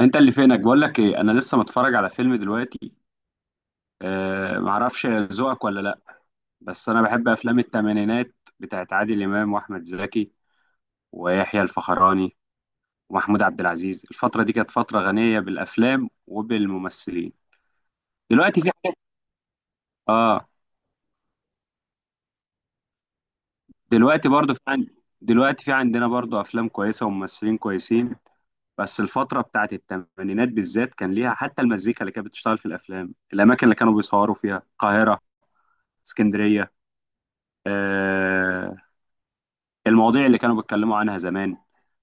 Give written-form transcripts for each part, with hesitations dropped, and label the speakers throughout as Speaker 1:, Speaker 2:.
Speaker 1: انت اللي فينك، بقول لك ايه، انا لسه متفرج على فيلم دلوقتي. معرفش ذوقك ولا لا. بس انا بحب افلام الثمانينات بتاعت عادل امام واحمد زكي ويحيى الفخراني ومحمود عبد العزيز. الفتره دي كانت فتره غنيه بالافلام وبالممثلين. دلوقتي في حاجات. اه. دلوقتي برضو في عند دلوقتي في عندنا برضو افلام كويسه وممثلين كويسين. بس الفتره بتاعت الثمانينات بالذات كان ليها حتى المزيكا اللي كانت بتشتغل في الافلام، الاماكن اللي كانوا بيصوروا فيها، القاهره، اسكندريه. آه، المواضيع اللي كانوا بيتكلموا عنها زمان.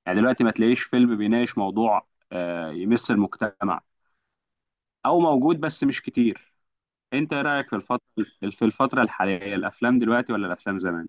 Speaker 1: يعني دلوقتي ما تلاقيش فيلم بيناقش موضوع يمس المجتمع، او موجود بس مش كتير. انت ايه رايك في الفتره الحاليه، الافلام دلوقتي ولا الافلام زمان؟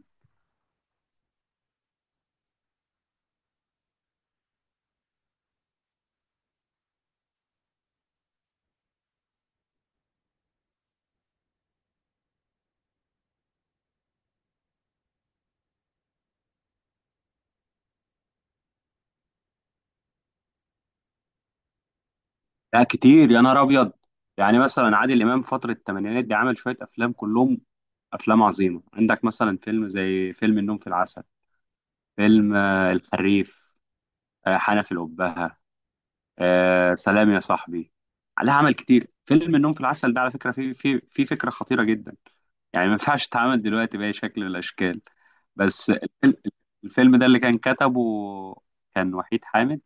Speaker 1: لا كتير يا نهار ابيض. يعني مثلا عادل امام فتره الثمانينات دي عمل شويه افلام، كلهم افلام عظيمه. عندك مثلا فيلم زي فيلم النوم في العسل، فيلم الحريف، حنفي الأبهة، سلام يا صاحبي. عليها عمل كتير. فيلم النوم في العسل ده على فكره فيه فكره خطيره جدا، يعني ما ينفعش تتعامل دلوقتي بأي شكل من الأشكال. بس الفيلم، الفيلم ده كان كتبه وحيد حامد،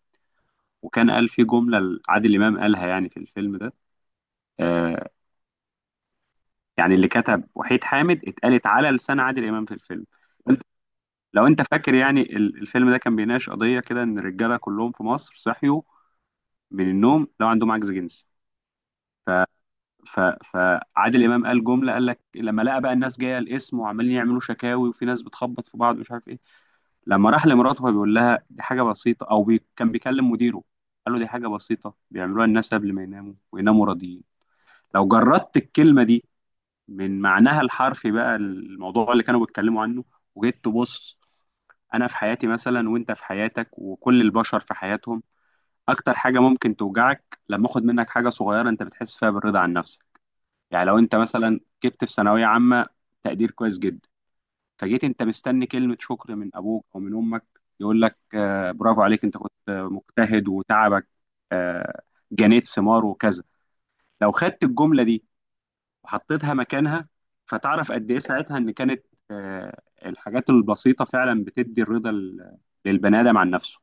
Speaker 1: وكان قال فيه جملة عادل إمام قالها يعني في الفيلم ده. آه يعني اللي كتب وحيد حامد اتقالت على لسان عادل إمام في الفيلم. انت- لو أنت فاكر، يعني الفيلم ده كان بيناقش قضية كده، إن الرجالة كلهم في مصر صحيوا من النوم لو عندهم عجز جنسي. فعادل إمام قال جملة، قال لك لما لقى بقى الناس جاية القسم وعمالين يعملوا شكاوي، وفي ناس بتخبط في بعض ومش عارف إيه، لما راح لمراته فبيقول لها دي حاجة بسيطة، كان بيكلم مديره، قال له دي حاجة بسيطة بيعملوها الناس قبل ما يناموا، ويناموا راضيين. لو جردت الكلمة دي من معناها الحرفي، بقى الموضوع اللي كانوا بيتكلموا عنه. وجيت تبص، أنا في حياتي مثلا، وأنت في حياتك، وكل البشر في حياتهم، أكتر حاجة ممكن توجعك لما أخد منك حاجة صغيرة أنت بتحس فيها بالرضا عن نفسك. يعني لو أنت مثلا جبت في ثانوية عامة تقدير كويس جدا، فجيت انت مستني كلمة شكر من ابوك او من امك، يقول لك برافو عليك، انت كنت مجتهد وتعبك، آه، جنيت ثمار وكذا. لو خدت الجملة دي وحطيتها مكانها، فتعرف قد ايه ساعتها ان كانت الحاجات البسيطة فعلا بتدي الرضا للبني ادم عن نفسه.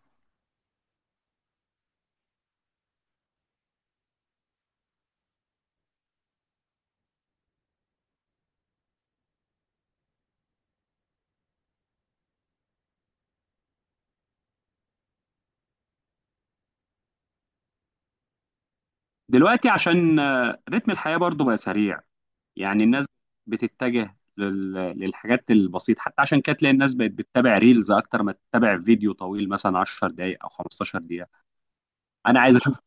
Speaker 1: دلوقتي عشان رتم الحياة برضو بقى سريع، يعني الناس بتتجه للحاجات البسيطة. حتى عشان كده تلاقي الناس بقت بتتابع ريلز أكتر ما تتابع فيديو طويل مثلا 10 دقايق أو 15 دقيقة. أنا عايز أشوف.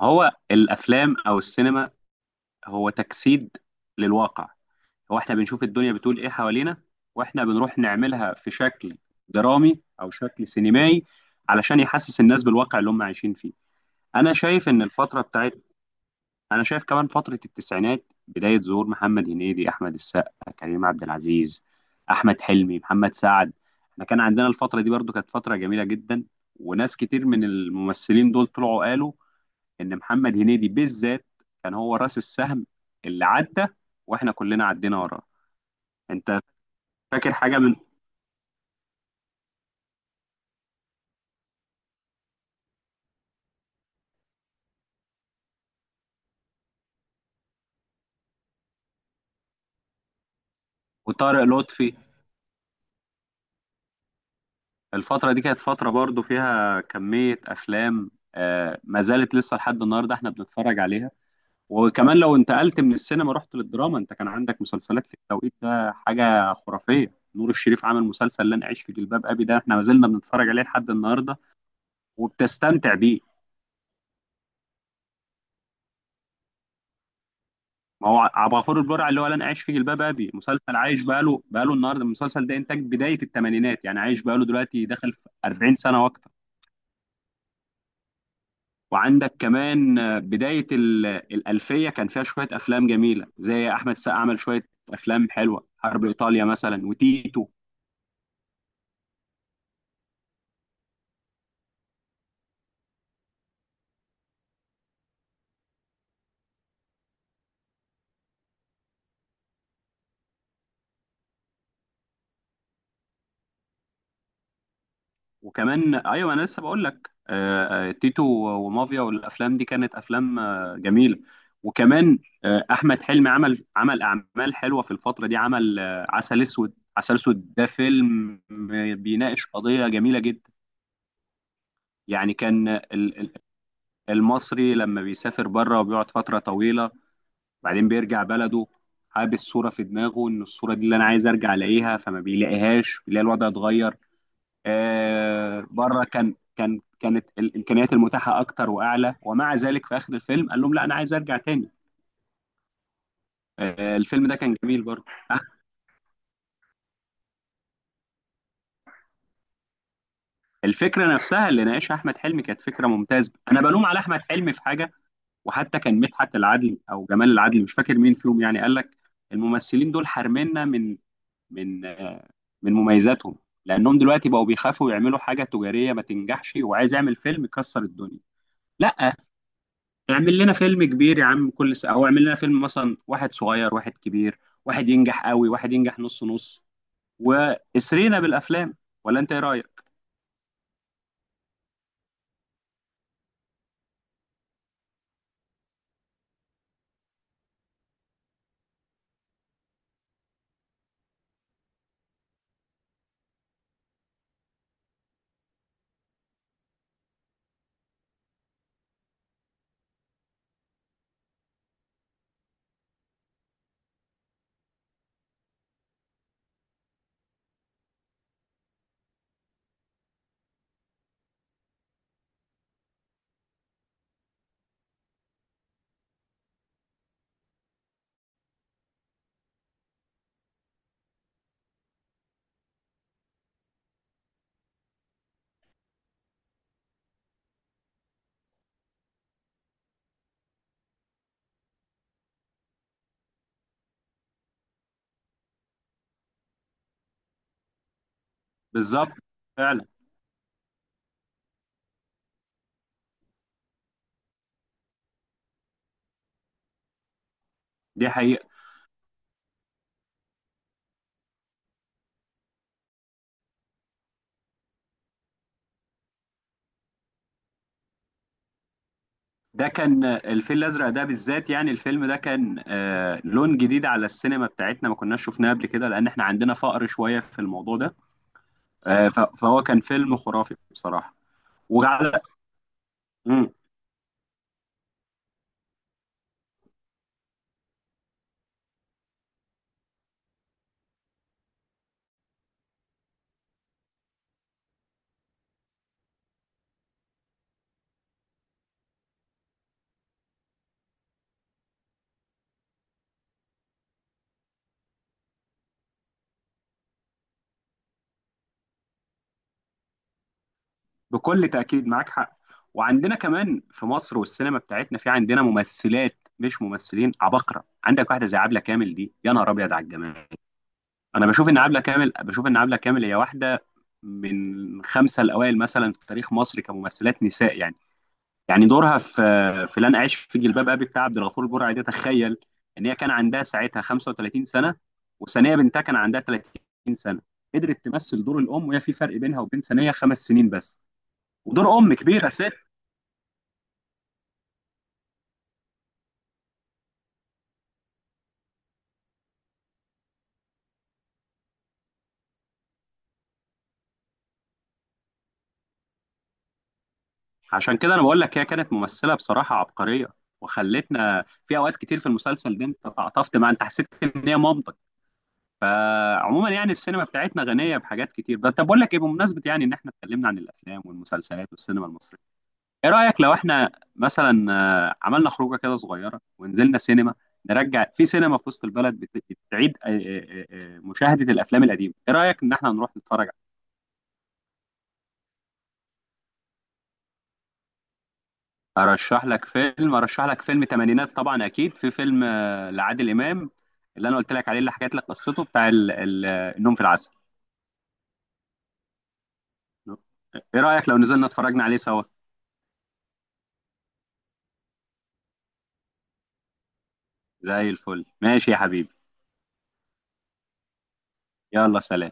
Speaker 1: هو الأفلام أو السينما هو تجسيد للواقع. هو إحنا بنشوف الدنيا بتقول إيه حوالينا، وإحنا بنروح نعملها في شكل درامي أو شكل سينمائي علشان يحسس الناس بالواقع اللي هم عايشين فيه. أنا شايف إن الفترة بتاعت، انا شايف كمان فتره التسعينات بدايه ظهور محمد هنيدي، احمد السقا، كريم عبد العزيز، احمد حلمي، محمد سعد. احنا كان عندنا الفتره دي، برضو كانت فتره جميله جدا. وناس كتير من الممثلين دول طلعوا قالوا ان محمد هنيدي بالذات كان هو راس السهم اللي عدى، واحنا كلنا عدينا وراه. انت فاكر حاجه من وطارق لطفي. الفتره دي كانت فتره برضو فيها كميه افلام ما زالت لسه لحد النهارده احنا بنتفرج عليها. وكمان لو انتقلت من السينما، رحت للدراما، انت كان عندك مسلسلات في التوقيت ده حاجه خرافيه. نور الشريف عمل مسلسل لن اعيش في جلباب ابي، ده احنا ما زلنا بنتفرج عليه لحد النهارده وبتستمتع بيه. ما هو عبد الغفور البرع اللي هو لن اعيش في جلباب ابي مسلسل عايش بقاله النهارده، المسلسل ده انتاج بدايه الثمانينات، يعني عايش بقاله دلوقتي داخل في 40 سنه واكتر. وعندك كمان بدايه الالفيه كان فيها شويه افلام جميله، زي احمد السقا عمل شويه افلام حلوه، حرب ايطاليا مثلا وتيتو. وكمان ايوه انا لسه بقول لك، تيتو ومافيا والافلام دي كانت افلام جميله. وكمان احمد حلمي عمل اعمال حلوه في الفتره دي، عمل عسل اسود. عسل اسود ده فيلم بيناقش قضيه جميله جدا. يعني كان المصري لما بيسافر بره وبيقعد فتره طويله، بعدين بيرجع بلده، حابس صوره في دماغه ان الصوره دي اللي انا عايز ارجع الاقيها، فما بيلاقيهاش، بيلاقي الوضع اتغير. بره كانت الامكانيات المتاحه اكتر واعلى، ومع ذلك في اخر الفيلم قال لهم لا انا عايز ارجع تاني. الفيلم ده كان جميل برضه. آه، الفكره نفسها اللي ناقشها احمد حلمي كانت فكره ممتازه، انا بلوم على احمد حلمي في حاجه. وحتى كان مدحت العدل او جمال العدل، مش فاكر مين فيهم، يعني قال لك الممثلين دول حارميننا من من من مميزاتهم، لانهم دلوقتي بقوا بيخافوا يعملوا حاجه تجاريه ما تنجحش، وعايز يعمل فيلم يكسر الدنيا. لا، اعمل لنا فيلم كبير يا عم كل سنة، او اعمل لنا فيلم مثلا واحد صغير واحد كبير، واحد ينجح قوي واحد ينجح نص نص، واسرينا بالافلام. ولا انت ايه رايك؟ بالظبط، فعلا. دي حقيقة. ده كان الفيل الازرق ده بالذات، يعني الفيلم ده كان آه لون جديد على السينما بتاعتنا، ما كناش شفناه قبل كده، لان احنا عندنا فقر شوية في الموضوع ده. فهو كان فيلم خرافي بصراحة. وعلى بكل تأكيد معاك حق. وعندنا كمان في مصر والسينما بتاعتنا في عندنا ممثلات مش ممثلين عباقرة، عندك واحدة زي عبلة كامل، دي يا نهار أبيض على الجمال. أنا بشوف إن عبلة كامل بشوف إن عبلة كامل هي واحدة من خمسة الأوائل مثلا في تاريخ مصر كممثلات نساء. يعني يعني دورها في لن أعيش في جلباب أبي بتاع عبد الغفور البرعي ده، تخيل إن هي كان عندها ساعتها 35 سنة، وثانية بنتها كان عندها 30 سنة، قدرت تمثل دور الأم وهي في فرق بينها وبين ثانية 5 سنين بس، ودور أم كبير. عشان كده انا بقول لك هي كانت ممثله بصراحه عبقريه، وخلتنا في اوقات كتير في المسلسل ده، انت تعاطفت معاها، انت حسيت ان هي مامتك. عموما يعني السينما بتاعتنا غنيه بحاجات كتير. بس طب بقول لك ايه، بمناسبه يعني ان احنا اتكلمنا عن الافلام والمسلسلات والسينما المصريه، ايه رايك لو احنا مثلا عملنا خروجه كده صغيره ونزلنا سينما، نرجع في سينما في وسط البلد بتعيد مشاهده الافلام القديمه؟ ايه رايك ان احنا نروح نتفرج؟ ارشح لك فيلم تمانينات طبعا، اكيد في فيلم لعادل امام اللي انا قلت لك عليه، اللي حكيت لك قصته، بتاع النوم في العسل. ايه رايك لو نزلنا اتفرجنا عليه سوا؟ زي الفل، ماشي يا حبيبي، يلا سلام.